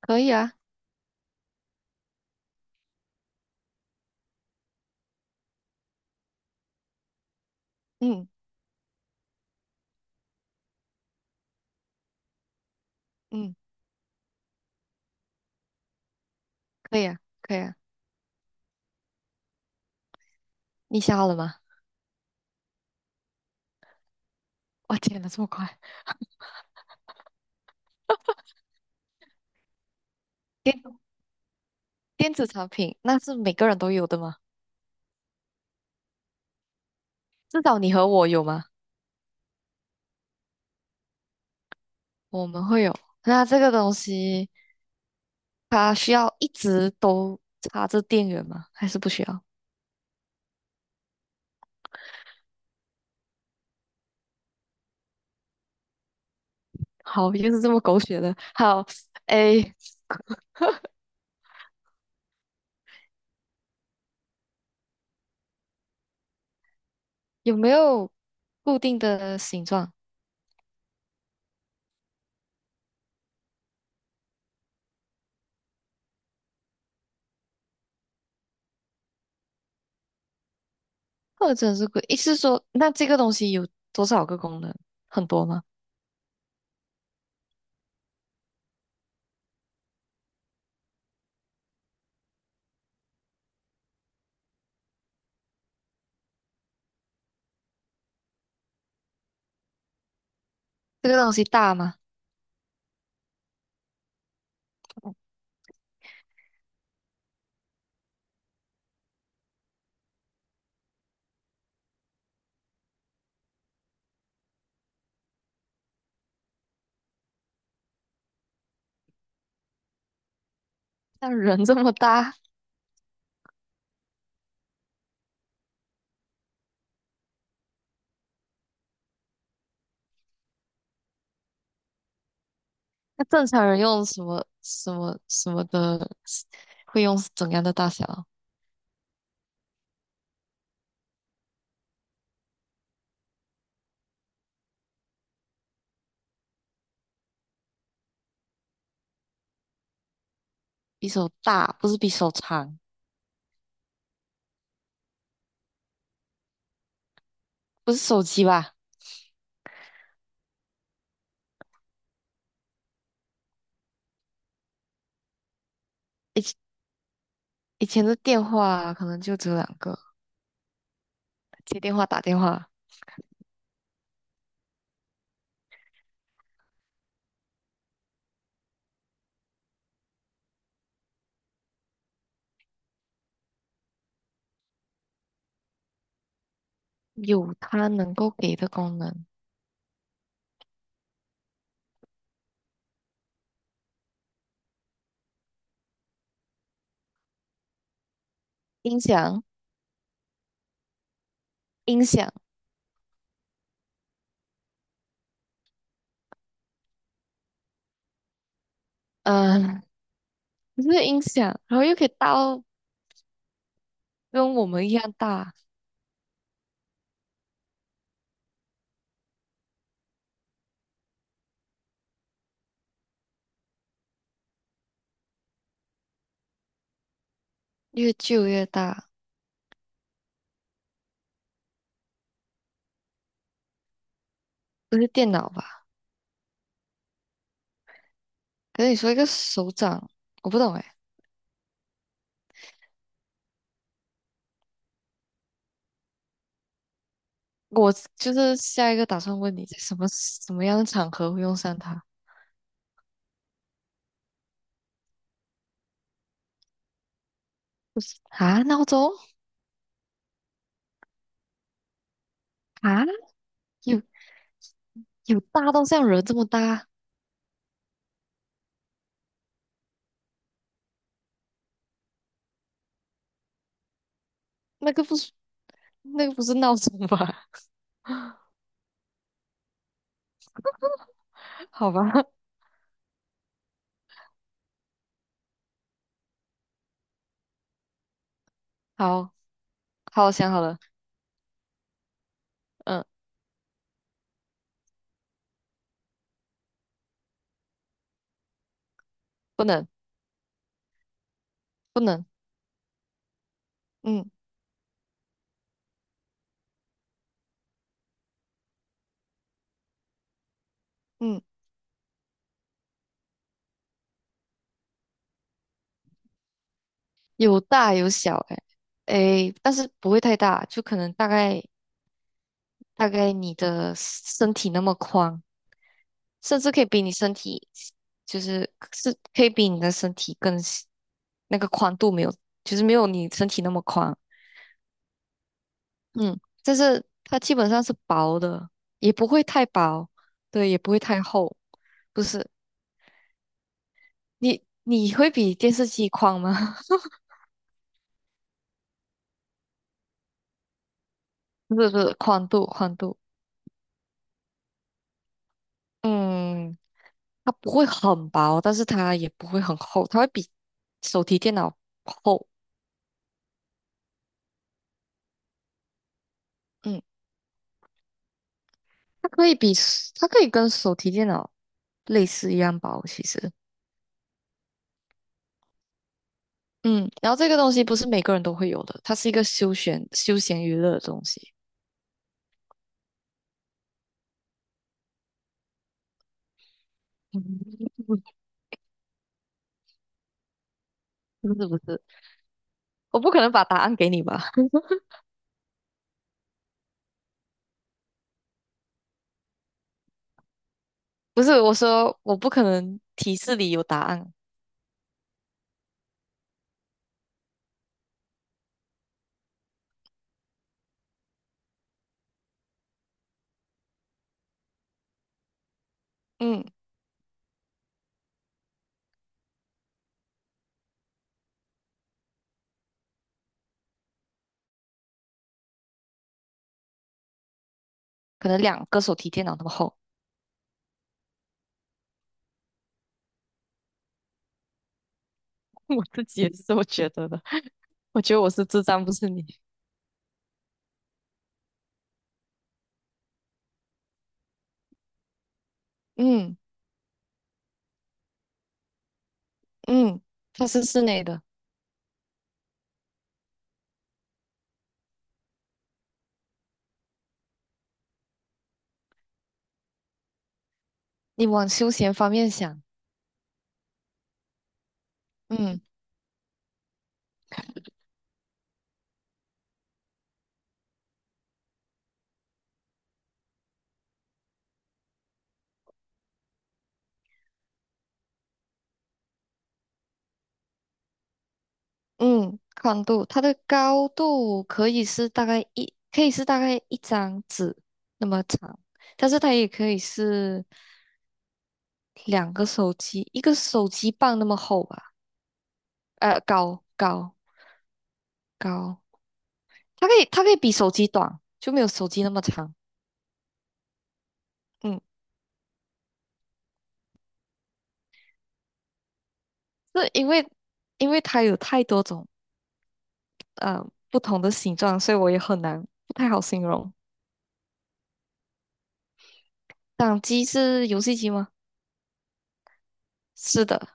可以啊，嗯嗯，可以啊。你想好了吗？哇，天哪，这么快！电电子产品，那是每个人都有的吗？至少你和我有吗？我们会有。那这个东西，它需要一直都插着电源吗？还是不需要？好，又是这么狗血的。好，诶，有没有固定的形状，或者是固？意思是说，那这个东西有多少个功能？很多吗？这个东西大吗？像人这么大？那正常人用什么什么什么的，会用怎样的大小？比手大，不是比手长，不是手机吧？以前以前的电话可能就只有两个，接电话、打电话，有它能够给的功能。音响，音响，嗯、不是音响，然后又可以大到跟我们一样大，越旧越大，不是电脑吧？可是你说一个手掌，我不懂哎。我就是下一个打算问你，在什么什么样的场合会用上它。啊？闹钟。啊？有有大到像人这么大？那个不是那个不是闹钟吧？好吧，好好想好了，嗯，不能不能，嗯嗯，有大有小、哎，但是不会太大，就可能大概你的身体那么宽，甚至可以比你身体，就是是可以比你的身体更那个宽度没有，就是没有你身体那么宽，嗯，但是它基本上是薄的，也不会太薄，对，也不会太厚，不是。你你会比电视机宽吗？不是不是，宽度宽度，嗯，它不会很薄，但是它也不会很厚，它会比手提电脑厚，嗯，它可以比它可以跟手提电脑类似一样薄，其实。嗯，然后这个东西不是每个人都会有的，它是一个休闲娱乐的东西。嗯，不是不是，我不可能把答案给你吧？不是，我说我不可能提示里有答案。嗯，可能两个手提电脑那么厚。我自己也是这么觉得的。我觉得我是智障，不是你。嗯嗯，它是室内的，你往休闲方面想。嗯嗯，宽度，它的高度可以是大概一，可以是大概一张纸那么长，但是它也可以是两个手机，一个手机棒那么厚吧，呃，高，它可以比手机短，就没有手机那么长。嗯，是因为它有太多种不同的形状，所以我也很难不太好形容。掌机是游戏机吗？是的，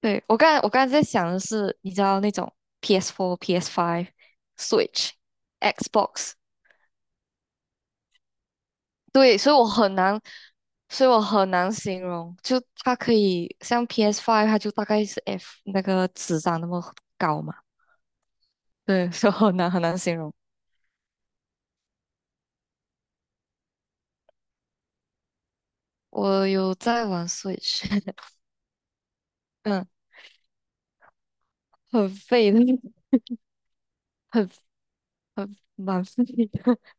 对，我刚才在想的是，你知道那种 PS4、PS5、Switch、Xbox,对，所以我很难，所以我很难形容，就它可以像 PS5,它就大概是 F 那个纸张那么高嘛，对，所以很难形容。我有在玩 Switch,嗯，很废的，很很蛮废的，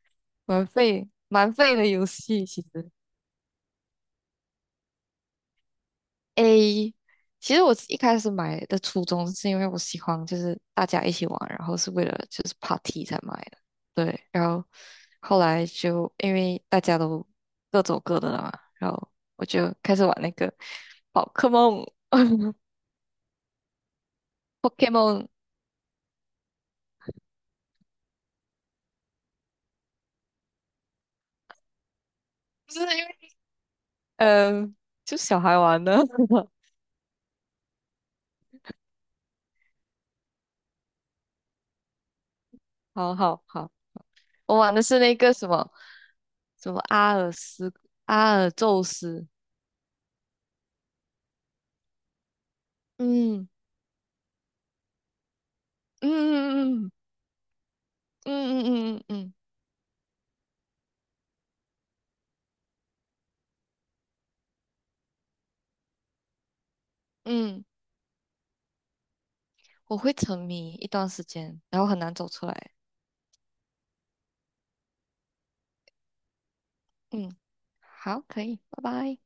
蛮废的游戏，其实。A,其实我一开始买的初衷是因为我喜欢，就是大家一起玩，然后是为了就是 party 才买的。对，然后后来就因为大家都各走各的了嘛，然后我就开始玩那个宝可梦 ，Pokemon,就是因为嗯、呃就小孩玩的。好好好，我玩的是那个什么阿尔宙斯，嗯嗯嗯嗯嗯嗯嗯嗯嗯嗯。嗯，我会沉迷一段时间，然后很难走出来。嗯，好，可以，拜拜。